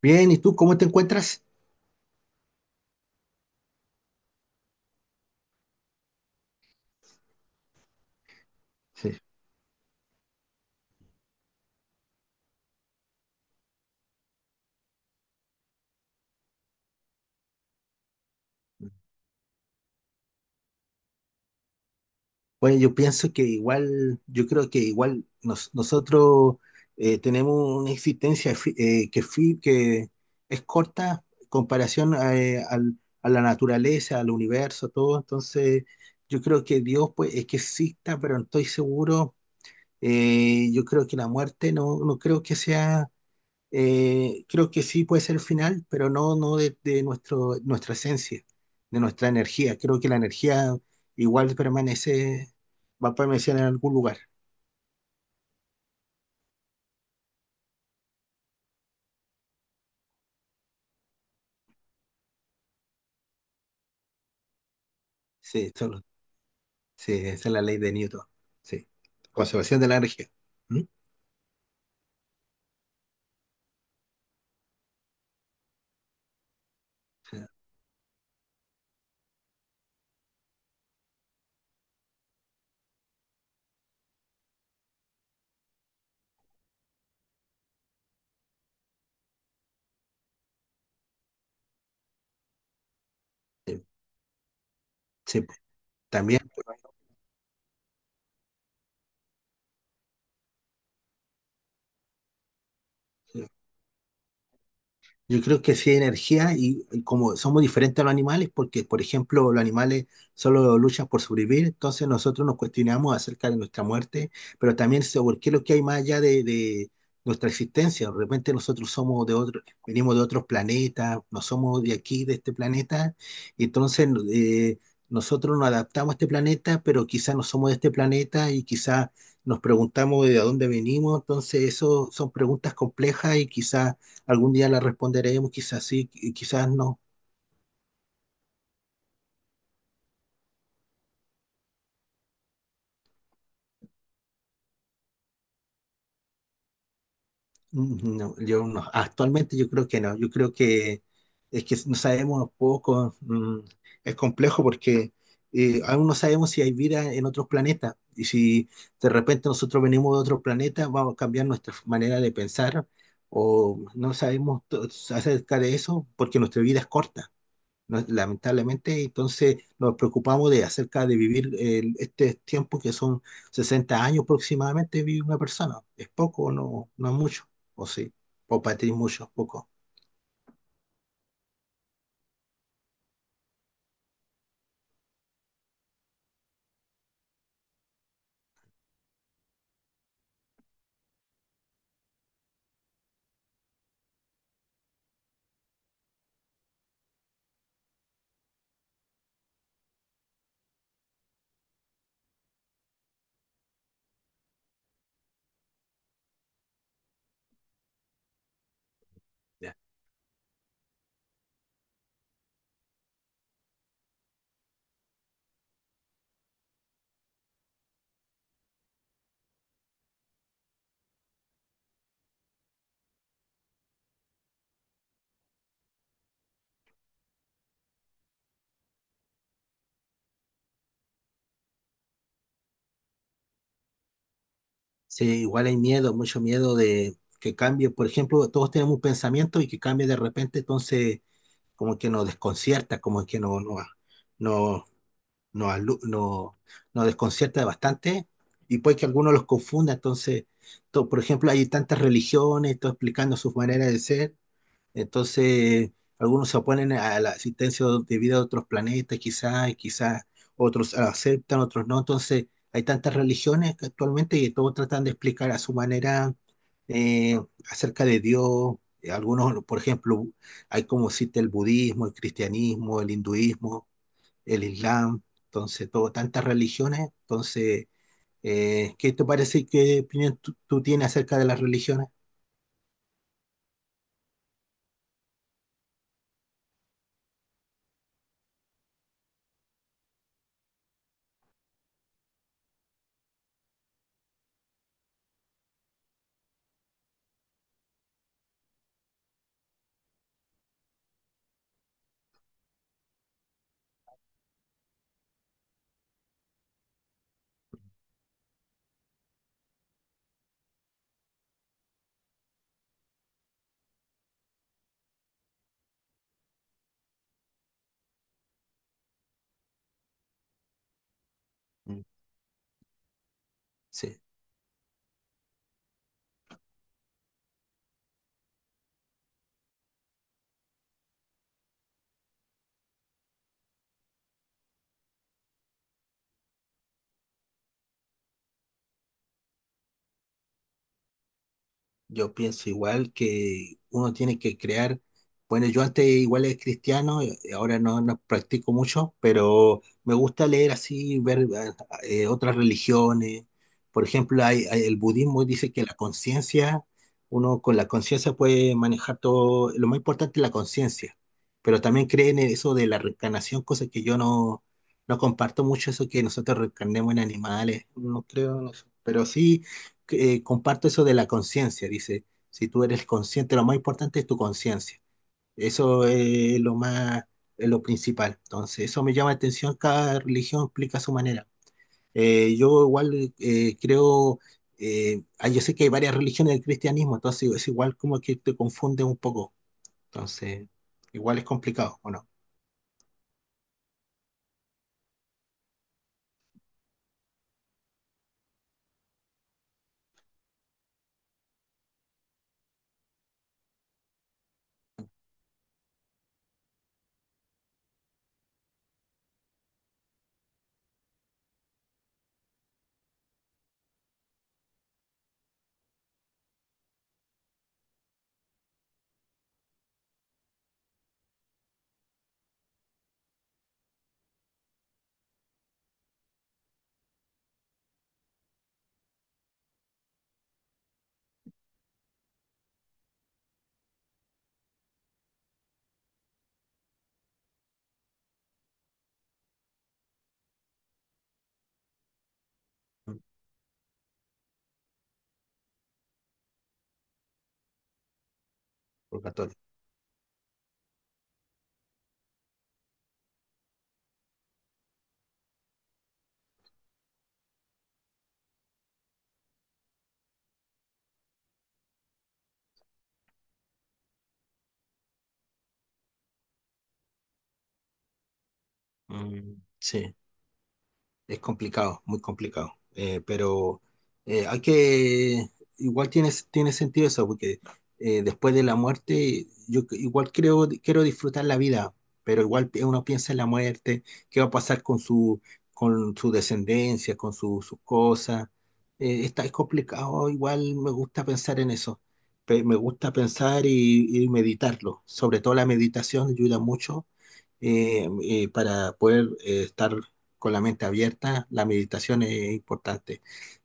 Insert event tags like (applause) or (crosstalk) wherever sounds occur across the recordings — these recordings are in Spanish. Bien, ¿y tú cómo te encuentras? Sí. Bueno, yo pienso que igual, yo creo que igual nosotros tenemos una existencia que es corta en comparación a, a la naturaleza, al universo, todo. Entonces, yo creo que Dios, pues, es que exista, pero no estoy seguro. Yo creo que la muerte no creo que sea. Creo que sí puede ser el final, pero no, no de, de nuestra esencia, de nuestra energía. Creo que la energía igual permanece, va a permanecer en algún lugar. Sí, solo, sí, esa es la ley de Newton. Sí, conservación de la energía. ¿Mm? Sí, sí, pues, también. Yo creo que sí hay energía y como somos diferentes a los animales, porque por ejemplo los animales solo luchan por sobrevivir. Entonces nosotros nos cuestionamos acerca de nuestra muerte, pero también sobre qué es lo que hay más allá de nuestra existencia. De repente nosotros somos de otro, venimos de otros planetas, no somos de aquí, de este planeta, y entonces, nosotros nos adaptamos a este planeta, pero quizás no somos de este planeta y quizás nos preguntamos de dónde venimos. Entonces eso son preguntas complejas y quizás algún día la responderemos, quizás sí, quizás no. Mm, no, yo no. Actualmente yo creo que no. Yo creo que es que no sabemos poco. Es complejo porque, aún no sabemos si hay vida en otros planetas. Y si de repente nosotros venimos de otro planeta, vamos a cambiar nuestra manera de pensar o no acerca de eso, porque nuestra vida es corta. No, lamentablemente. Entonces nos preocupamos de acerca de vivir este tiempo que son 60 años aproximadamente vive una persona. ¿Es poco o no es mucho? ¿O sí? ¿O para ti es mucho? ¿Poco? Ya. Sí, igual hay miedo, mucho miedo de que cambie. Por ejemplo, todos tenemos un pensamiento y que cambie de repente, entonces como que nos desconcierta, como que no, no, no, nos, alu- nos, nos desconcierta bastante y puede que algunos los confunda. Entonces, por ejemplo, hay tantas religiones, todo explicando sus maneras de ser. Entonces, algunos se oponen a la existencia de vida de otros planetas, quizás, y quizás otros la aceptan, otros no. Entonces, hay tantas religiones que actualmente y todos tratan de explicar a su manera, eh, acerca de Dios. Algunos, por ejemplo, hay como existe el budismo, el cristianismo, el hinduismo, el Islam. Entonces, todo, tantas religiones. Entonces, ¿qué te parece? ¿Qué opinión tú tienes acerca de las religiones? Mm. Sí. Yo pienso igual que uno tiene que crear, bueno, yo antes igual era cristiano, ahora no, no practico mucho, pero me gusta leer así, ver otras religiones. Por ejemplo, el budismo dice que la conciencia, uno con la conciencia puede manejar todo, lo más importante es la conciencia, pero también creen en eso de la reencarnación, cosa que yo no, no comparto mucho, eso que nosotros reencarnemos en animales, no creo en eso, pero sí, comparto eso de la conciencia, dice, si tú eres consciente, lo más importante es tu conciencia. Eso es lo más, es lo principal. Entonces, eso me llama la atención, cada religión explica a su manera. Yo igual yo sé que hay varias religiones del cristianismo, entonces es igual como que te confunde un poco. Entonces, igual es complicado, ¿o no? Por católico. Mm, sí. Es complicado, muy complicado. Pero, eh, hay que, igual tiene sentido eso, porque, después de la muerte, yo igual creo, quiero disfrutar la vida, pero igual uno piensa en la muerte, qué va a pasar con su descendencia, con sus cosas. Es complicado, igual me gusta pensar en eso. Me gusta pensar y meditarlo. Sobre todo la meditación ayuda mucho, para poder estar con la mente abierta, la meditación es importante.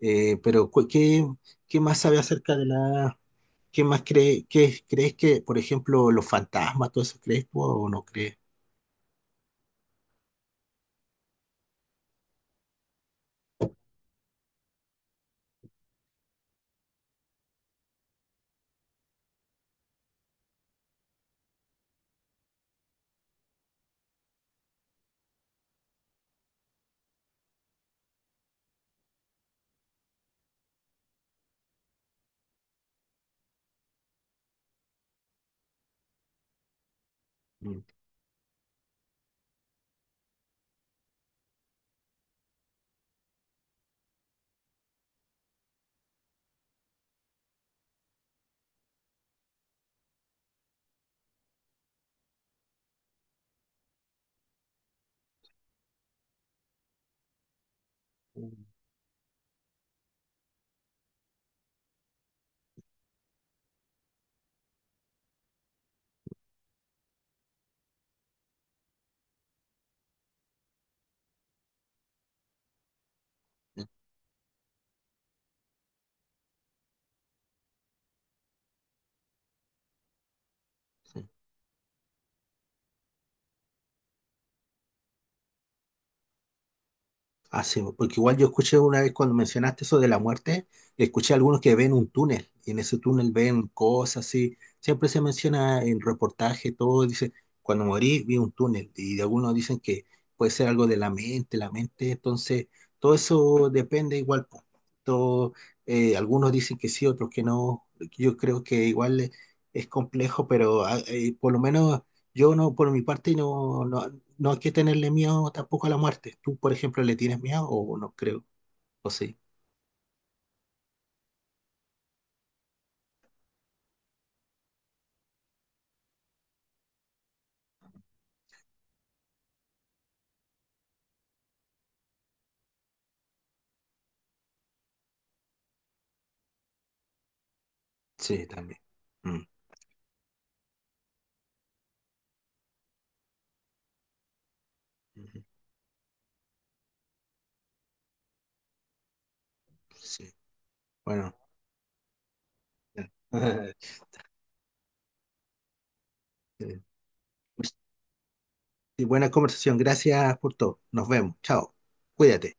Pero, ¿qué, qué más sabe acerca de la... ¿Qué más cree, qué, crees que, por ejemplo, los fantasmas, todo eso, crees tú o no crees? Mm. Ah, sí, porque igual yo escuché una vez cuando mencionaste eso de la muerte, escuché a algunos que ven un túnel y en ese túnel ven cosas así. Siempre se menciona en reportaje, todo dice, cuando morí vi un túnel y algunos dicen que puede ser algo de la mente. Entonces todo eso depende igual. Po. Todo, algunos dicen que sí, otros que no. Yo creo que igual, es complejo, pero por lo menos yo no, por mi parte, no hay que tenerle miedo tampoco a la muerte. ¿Tú, por ejemplo, le tienes miedo o no creo? ¿O sí? Sí, también. Mm. Ujú. Sí. Bueno. (laughs) Sí. Pues, sí, buena conversación. Gracias por todo. Nos vemos. Chao. Cuídate.